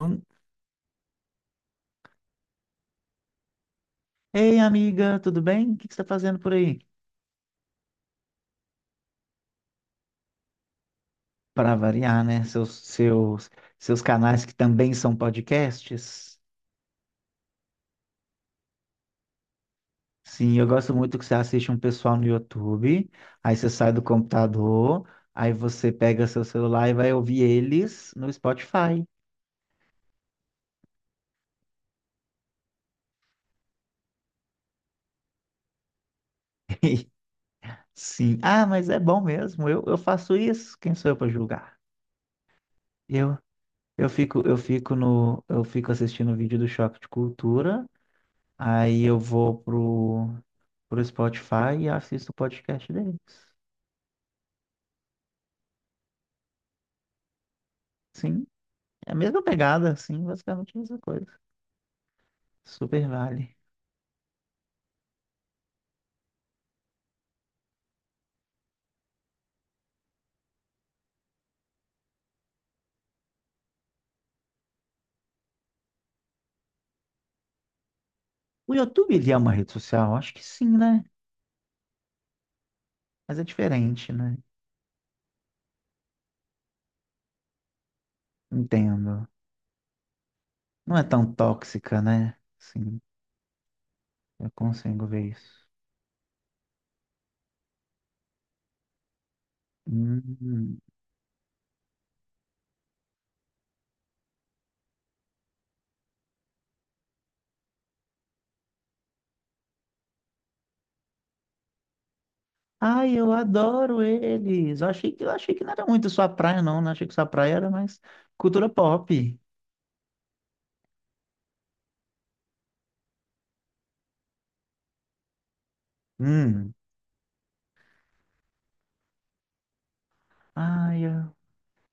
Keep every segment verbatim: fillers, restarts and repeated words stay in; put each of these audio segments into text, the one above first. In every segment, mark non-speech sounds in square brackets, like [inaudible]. Hum. Ei, amiga, tudo bem? O que que você está fazendo por aí? Para variar, né? Seus, seus, seus canais que também são podcasts. Sim, eu gosto muito que você assiste um pessoal no YouTube, aí você sai do computador, aí você pega seu celular e vai ouvir eles no Spotify. [laughs] Sim. Ah, mas é bom mesmo. Eu, eu faço isso. Quem sou eu para julgar? Eu, eu fico, eu fico no, eu fico assistindo o vídeo do Choque de Cultura. Aí eu vou pro, pro Spotify e assisto o podcast deles. Sim, é a mesma pegada, sim, basicamente a mesma coisa. Super vale. O YouTube, ele é uma rede social? Acho que sim, né? Mas é diferente, né? Entendo. Não é tão tóxica, né? Sim, eu consigo ver isso. Hum. Ai, eu adoro eles. Eu achei que, eu achei que não era muito sua praia, não. Não achei que sua praia era mais cultura pop. Hum. Ai, eu...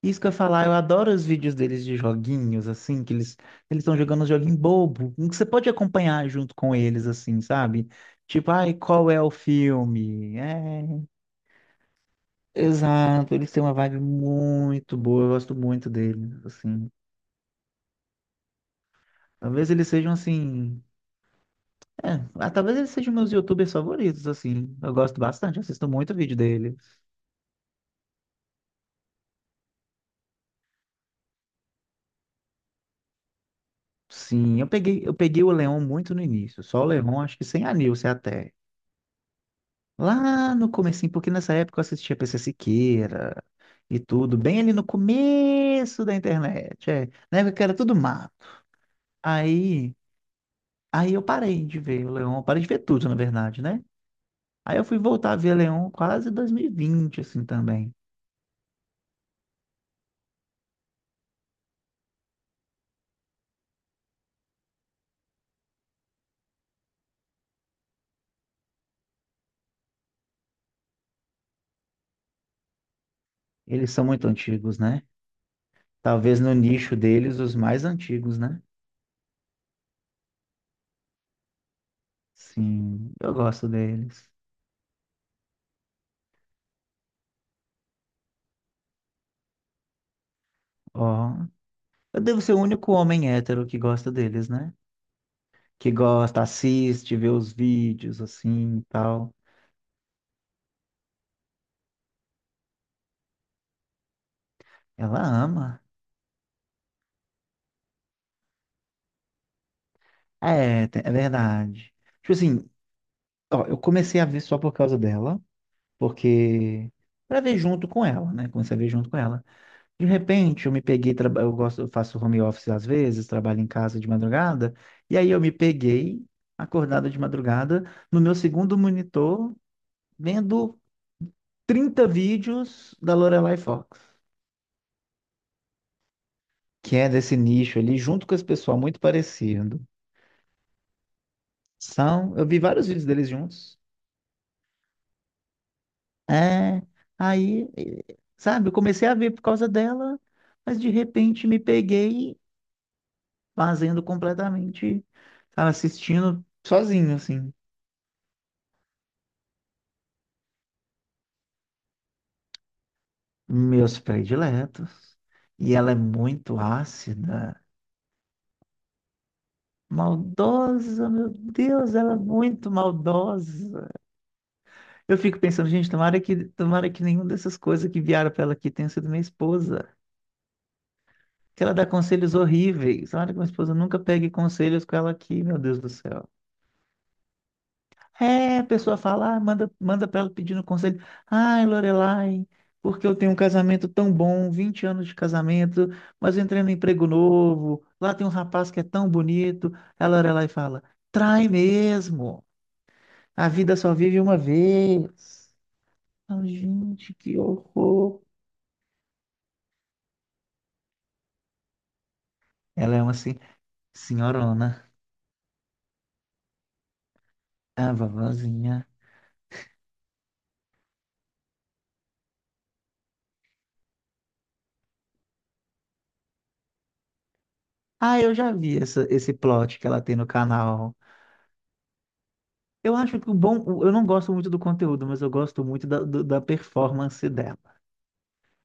Isso que eu ia falar, eu adoro os vídeos deles de joguinhos, assim, que eles eles estão jogando um joguinho bobo, em que você pode acompanhar junto com eles, assim, sabe? Tipo, ai, qual é o filme? É, exato, eles têm uma vibe muito boa, eu gosto muito deles, assim. Talvez eles sejam, assim, é, ah, talvez eles sejam meus YouTubers favoritos, assim. Eu gosto bastante, assisto muito vídeo deles. Sim, eu peguei, eu peguei o Leon muito no início, só o Leon, acho que sem a Nilce até. Lá no comecinho, porque nessa época eu assistia P C Siqueira e tudo, bem ali no começo da internet, é, na época que era tudo mato. Aí, aí eu parei de ver o Leon, parei de ver tudo, na verdade, né? Aí eu fui voltar a ver Leon quase dois mil e vinte, assim, também. Eles são muito antigos, né? Talvez no nicho deles, os mais antigos, né? Sim, eu gosto deles. Ó, eu devo ser o único homem hétero que gosta deles, né? Que gosta, assiste, vê os vídeos assim e tal. Ela ama. É, te- é verdade. Tipo assim, ó, eu comecei a ver só por causa dela, porque pra ver junto com ela, né? Comecei a ver junto com ela. De repente, eu me peguei, traba- eu gosto, eu faço home office às vezes, trabalho em casa de madrugada, e aí eu me peguei acordado de madrugada no meu segundo monitor vendo trinta vídeos da Lorelai Fox, que é desse nicho ali, junto com esse pessoal muito parecido. São, eu vi vários vídeos deles juntos. É, aí, eh, sabe, eu comecei a ver por causa dela, mas de repente me peguei fazendo completamente, sabe, assistindo sozinho, assim, meus prediletos. E ela é muito ácida, maldosa, meu Deus, ela é muito maldosa. Eu fico pensando, gente, tomara que, tomara que nenhuma dessas coisas que vieram pra ela aqui tenha sido minha esposa. Que ela dá conselhos horríveis. Olha que minha esposa nunca pegue conselhos com ela aqui, meu Deus do céu. É, a pessoa fala, ah, manda, manda para ela pedindo conselho. Ai, Lorelai, porque eu tenho um casamento tão bom, vinte anos de casamento, mas eu entrei no emprego novo, lá tem um rapaz que é tão bonito. A Lorelai fala, trai mesmo, a vida só vive uma vez. Ah, gente, que horror. Ela é uma assim, senhorona, a vovozinha. Ah, eu já vi essa, esse plot que ela tem no canal. Eu acho que o bom. o- Eu não gosto muito do conteúdo, mas eu gosto muito da, do- da performance dela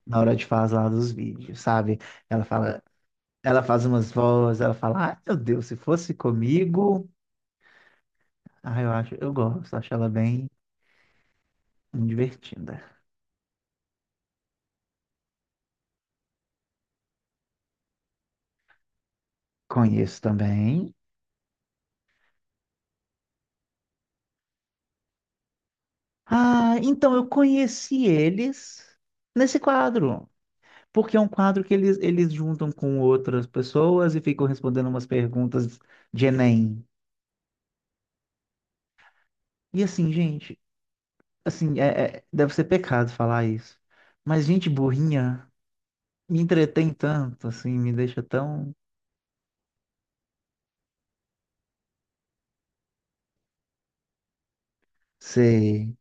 na hora de fazer lá dos vídeos, sabe? Ela fala, ela faz umas vozes, ela fala, ah, meu Deus, se fosse comigo. Ah, eu acho, eu gosto, acho ela bem divertida. Conheço também. Ah, então eu conheci eles nesse quadro. Porque é um quadro que eles, eles juntam com outras pessoas e ficam respondendo umas perguntas de Enem. E assim, gente, assim, é, é- deve ser pecado falar isso. Mas gente burrinha me entretém tanto, assim, me deixa tão. Sei.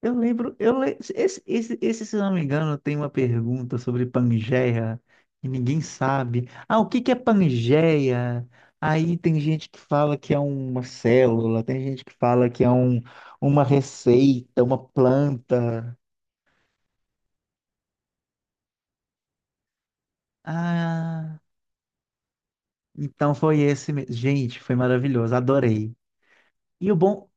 Eu lembro, eu le- esse, esse, esse, se eu não me engano, tem uma pergunta sobre Pangeia e ninguém sabe. Ah, o que que é Pangeia? Aí tem gente que fala que é uma célula, tem gente que fala que é um, uma receita, uma planta. Ah, então foi esse mesmo. Gente, foi maravilhoso, adorei. E o bom,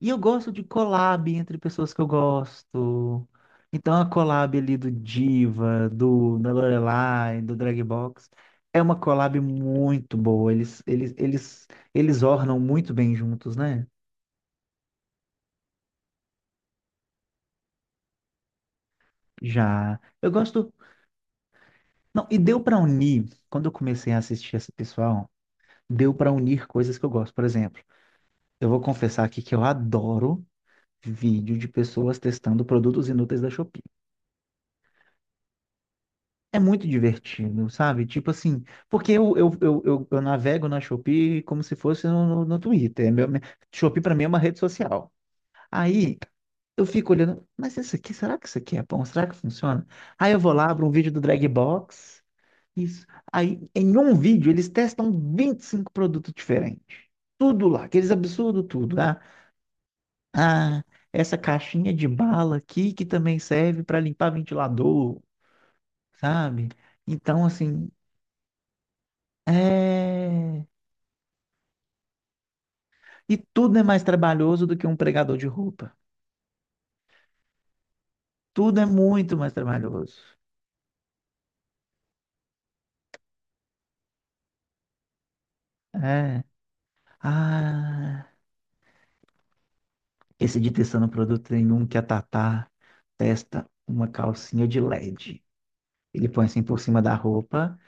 E eu gosto de collab entre pessoas que eu gosto. Então, a collab ali do Diva, do, da Lorelai, do Dragbox, é uma collab muito boa. Eles, eles, eles, eles ornam muito bem juntos, né? Já. Eu gosto. Não, e deu pra unir, quando eu comecei a assistir esse pessoal, deu pra unir coisas que eu gosto. Por exemplo, eu vou confessar aqui que eu adoro vídeo de pessoas testando produtos inúteis da Shopee. É muito divertido, sabe? Tipo assim, porque eu, eu, eu, eu, eu navego na Shopee como se fosse no, no, no Twitter. É Meu, minha- Shopee pra mim é uma rede social. Aí eu fico olhando, mas isso aqui, será que isso aqui é bom? Será que funciona? Aí eu vou lá, abro um vídeo do Drag Box. Isso. Aí em um vídeo eles testam vinte e cinco produtos diferentes. Tudo lá, aqueles absurdos, tudo. Ah, ah, essa caixinha de bala aqui que também serve para limpar ventilador, sabe? Então, assim. É. E tudo é mais trabalhoso do que um pregador de roupa. Tudo é muito mais trabalhoso. É. Ah, esse de testando produto tem um que a Tatá testa uma calcinha de LED. Ele põe assim por cima da roupa,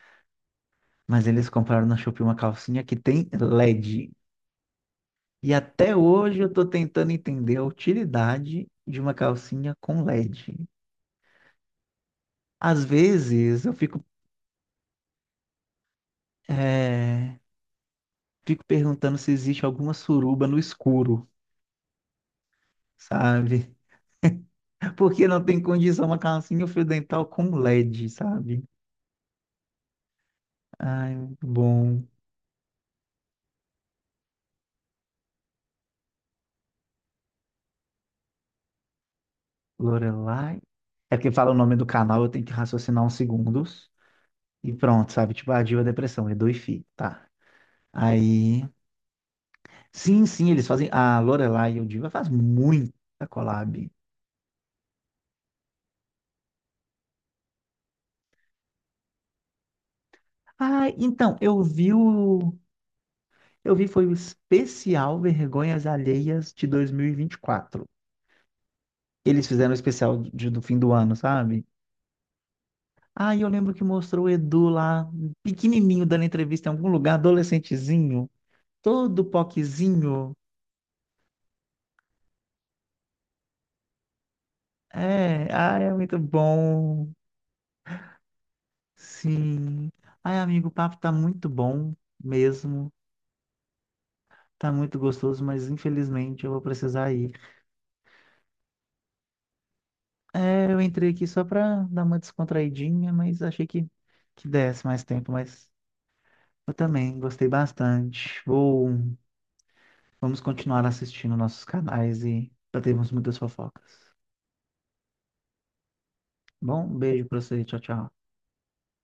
mas eles compraram na Shopee uma calcinha que tem LED. E até hoje eu tô tentando entender a utilidade de uma calcinha com LED. Às vezes eu fico, é, fico perguntando se existe alguma suruba no escuro, sabe? Porque não tem condição uma calcinha um fio dental com LED, sabe? Ai, muito bom. Lorelai. É porque fala o nome do canal, eu tenho que raciocinar uns segundos. E pronto, sabe? Tipo, a Diva Depressão, é dois fi, tá? Aí. Sim, sim, eles fazem. A Lorelai e o Diva faz muita collab. Ah, então, eu vi o. Eu vi, foi o especial Vergonhas Alheias de dois mil e vinte e quatro. Eles fizeram o especial de- do fim do ano, sabe? Ah, eu lembro que mostrou o Edu lá, pequenininho, dando entrevista em algum lugar, adolescentezinho, todo poquezinho. É, ah, é muito bom. Sim. Ai, amigo, o papo tá muito bom mesmo. Tá muito gostoso, mas infelizmente eu vou precisar ir. É, eu entrei aqui só pra dar uma descontraidinha, mas achei que, que desse mais tempo, mas eu também gostei bastante. Vou, vamos continuar assistindo nossos canais e já muitas fofocas. Bom, um beijo pra você. Tchau, tchau.